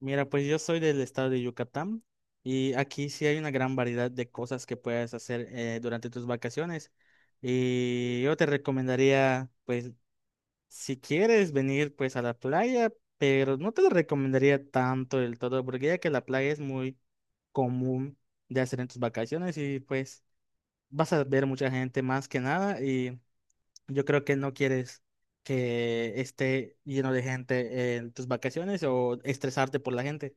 Mira, pues yo soy del estado de Yucatán y aquí sí hay una gran variedad de cosas que puedes hacer durante tus vacaciones. Y yo te recomendaría, pues, si quieres venir pues a la playa, pero no te lo recomendaría tanto del todo, porque ya que la playa es muy común de hacer en tus vacaciones y pues vas a ver mucha gente más que nada y yo creo que no quieres que esté lleno de gente en tus vacaciones o estresarte por la gente.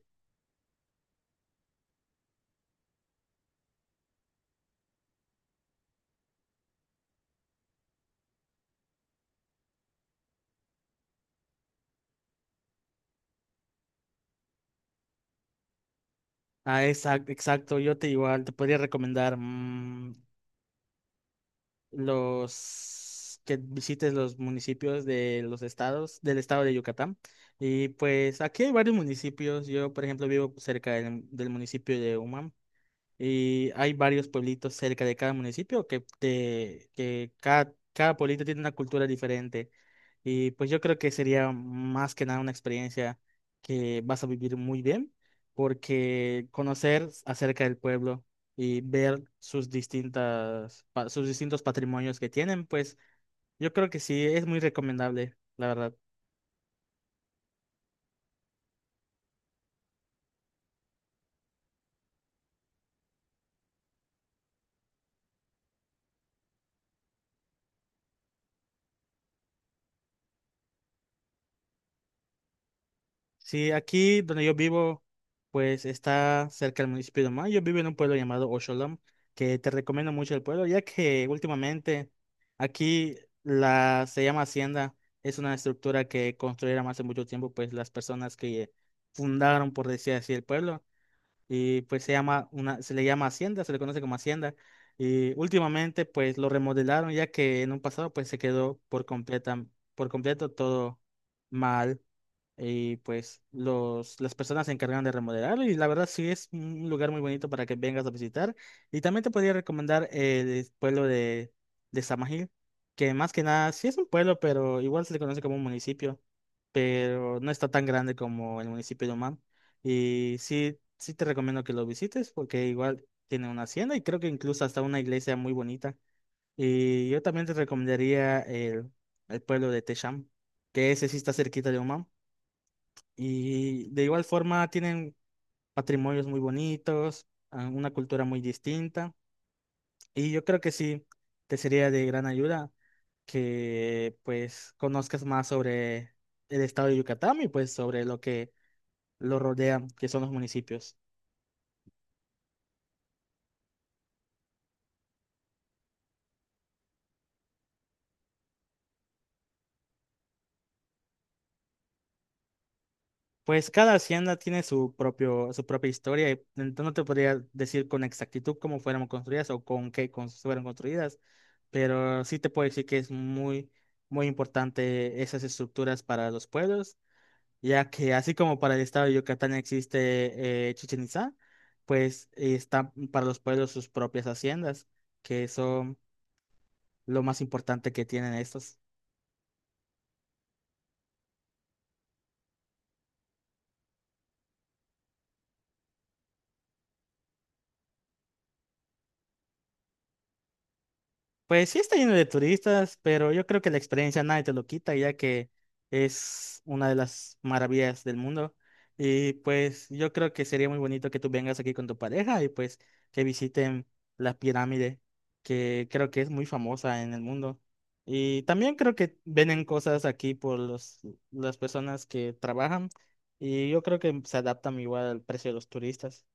Ah, exacto, exacto. Yo te igual te podría recomendar los que visites los municipios de los estados, del estado de Yucatán. Y pues aquí hay varios municipios. Yo, por ejemplo, vivo cerca del municipio de Humam. Y hay varios pueblitos cerca de cada municipio que cada pueblito tiene una cultura diferente. Y pues yo creo que sería más que nada una experiencia que vas a vivir muy bien, porque conocer acerca del pueblo y ver sus sus distintos patrimonios que tienen, pues yo creo que sí es muy recomendable, la verdad. Sí, aquí donde yo vivo, pues está cerca del municipio de Omán. Yo vivo en un pueblo llamado Osholam, que te recomiendo mucho el pueblo, ya que últimamente aquí la se llama Hacienda, es una estructura que construyeron hace mucho tiempo, pues las personas que fundaron, por decir así, el pueblo, y pues se le llama Hacienda, se le conoce como Hacienda, y últimamente pues lo remodelaron, ya que en un pasado pues se quedó por completa, por completo todo mal. Y pues las personas se encargan de remodelarlo y la verdad sí es un lugar muy bonito para que vengas a visitar. Y también te podría recomendar el pueblo de Samajil, que más que nada sí es un pueblo, pero igual se le conoce como un municipio, pero no está tan grande como el municipio de Omán. Y sí, sí te recomiendo que lo visites porque igual tiene una hacienda y creo que incluso hasta una iglesia muy bonita. Y yo también te recomendaría el pueblo de Techam, que ese sí está cerquita de Omán y de igual forma tienen patrimonios muy bonitos, una cultura muy distinta. Y yo creo que sí, te sería de gran ayuda que pues conozcas más sobre el estado de Yucatán y pues sobre lo que lo rodea, que son los municipios. Pues cada hacienda tiene su propia historia, y entonces no te podría decir con exactitud cómo fueron construidas o con fueron construidas, pero sí te puedo decir que es muy, muy importante esas estructuras para los pueblos, ya que así como para el estado de Yucatán existe Chichén Itzá, pues está para los pueblos sus propias haciendas, que son lo más importante que tienen estos. Pues sí está lleno de turistas, pero yo creo que la experiencia nadie te lo quita, ya que es una de las maravillas del mundo. Y pues yo creo que sería muy bonito que tú vengas aquí con tu pareja y pues que visiten la pirámide, que creo que es muy famosa en el mundo. Y también creo que venden cosas aquí por las personas que trabajan y yo creo que se adaptan igual al precio de los turistas.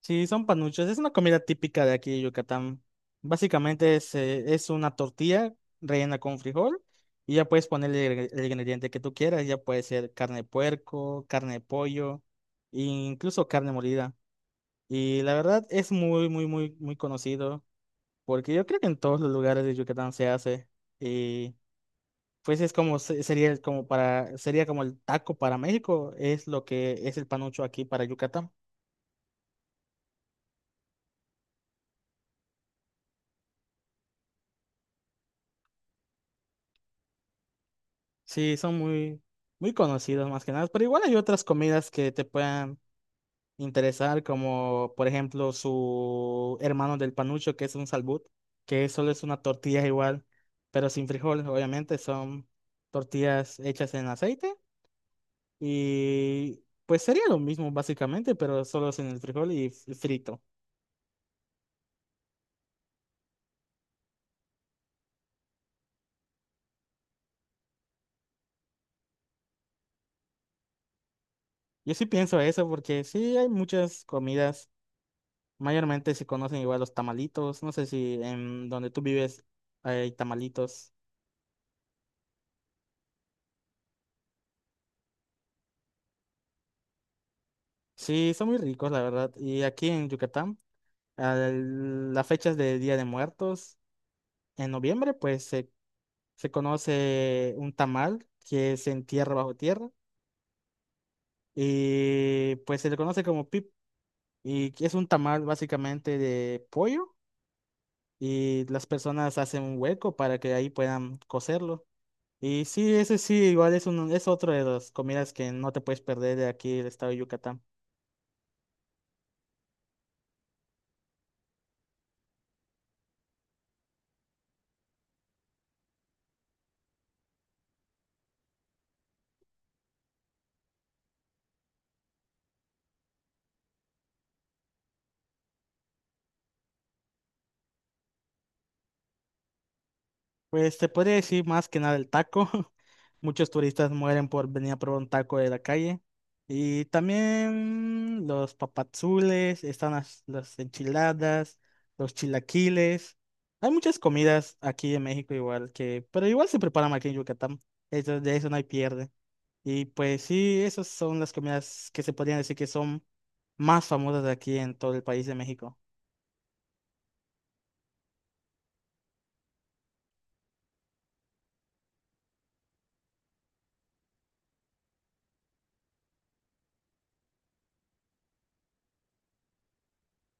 Sí, son panuchos. Es una comida típica de aquí de Yucatán. Básicamente es una tortilla rellena con frijol y ya puedes ponerle el ingrediente que tú quieras. Ya puede ser carne de puerco, carne de pollo, e incluso carne molida. Y la verdad es muy, muy, muy, muy conocido porque yo creo que en todos los lugares de Yucatán se hace. Y pues sería sería como el taco para México, es lo que es el panucho aquí para Yucatán. Sí, son muy, muy conocidos más que nada, pero igual hay otras comidas que te puedan interesar, como por ejemplo su hermano del panucho, que es un salbut, que solo es una tortilla igual, pero sin frijoles, obviamente, son tortillas hechas en aceite y pues sería lo mismo básicamente, pero solo sin el frijol y frito. Yo sí pienso eso porque sí hay muchas comidas, mayormente se conocen igual los tamalitos, no sé si en donde tú vives hay tamalitos. Sí, son muy ricos, la verdad. Y aquí en Yucatán, a las fechas de Día de Muertos, en noviembre, se conoce un tamal que se entierra bajo tierra y pues se le conoce como pip. Y que es un tamal básicamente de pollo y las personas hacen un hueco para que ahí puedan cocerlo. Y sí, ese sí, es otro de las comidas que no te puedes perder de aquí, del estado de Yucatán. Pues te podría decir más que nada el taco. Muchos turistas mueren por venir a probar un taco de la calle. Y también los papazules, están las enchiladas, los chilaquiles. Hay muchas comidas aquí en México igual que, pero igual se preparan aquí en Yucatán. Eso, de eso no hay pierde. Y pues sí, esas son las comidas que se podrían decir que son más famosas de aquí en todo el país de México.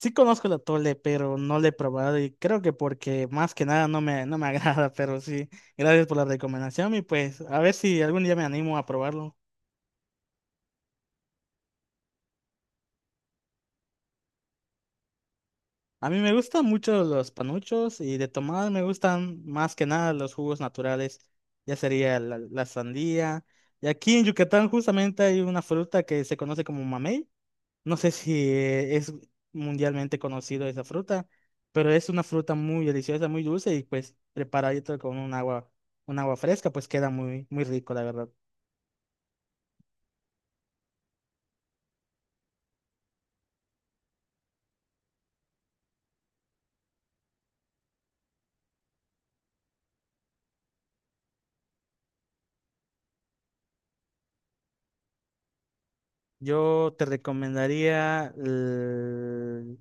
Sí conozco el atole, pero no lo he probado y creo que porque más que nada no me agrada, pero sí, gracias por la recomendación y pues a ver si algún día me animo a probarlo. A mí me gustan mucho los panuchos y de tomar me gustan más que nada los jugos naturales, ya sería la sandía. Y aquí en Yucatán justamente hay una fruta que se conoce como mamey. No sé si es mundialmente conocido esa fruta, pero es una fruta muy deliciosa, muy dulce y pues preparadito con un agua fresca, pues queda muy, muy rico, la verdad. Yo te recomendaría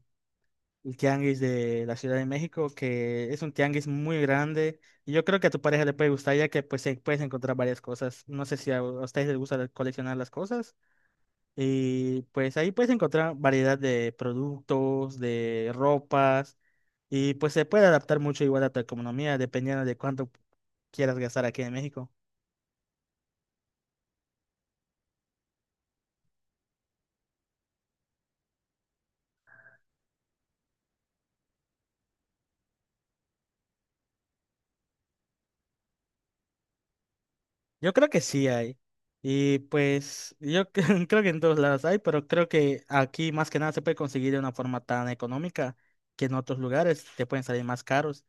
el tianguis de la Ciudad de México, que es un tianguis muy grande y yo creo que a tu pareja le puede gustar ya que pues puedes encontrar varias cosas. No sé si a ustedes les gusta coleccionar las cosas. Y pues ahí puedes encontrar variedad de productos, de ropas, y pues se puede adaptar mucho igual a tu economía, dependiendo de cuánto quieras gastar aquí en México. Yo creo que sí hay. Y pues yo creo que en todos lados hay, pero creo que aquí más que nada se puede conseguir de una forma tan económica que en otros lugares te pueden salir más caros.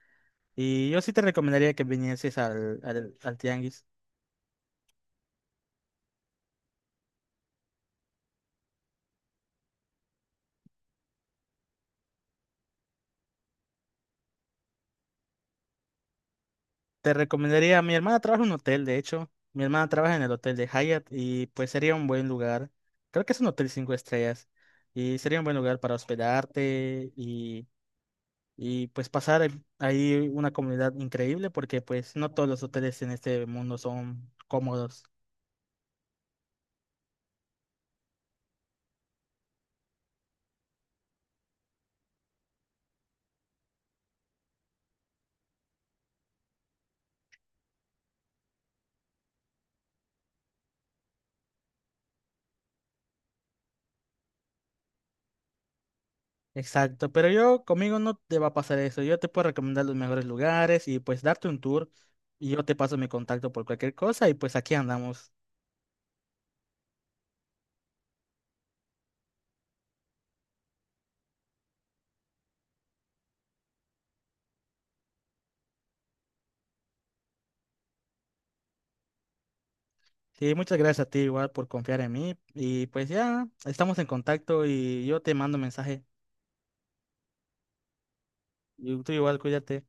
Y yo sí te recomendaría que vinieses al tianguis. Te recomendaría, mi hermana trabaja en un hotel, de hecho. Mi hermana trabaja en el hotel de Hyatt y pues sería un buen lugar. Creo que es un hotel 5 estrellas y sería un buen lugar para hospedarte y pues pasar ahí una comunidad increíble porque pues no todos los hoteles en este mundo son cómodos. Exacto, pero yo conmigo no te va a pasar eso. Yo te puedo recomendar los mejores lugares y pues darte un tour y yo te paso mi contacto por cualquier cosa y pues aquí andamos. Sí, muchas gracias a ti igual por confiar en mí. Y pues ya, estamos en contacto y yo te mando mensaje. Y tú igual, cuídate.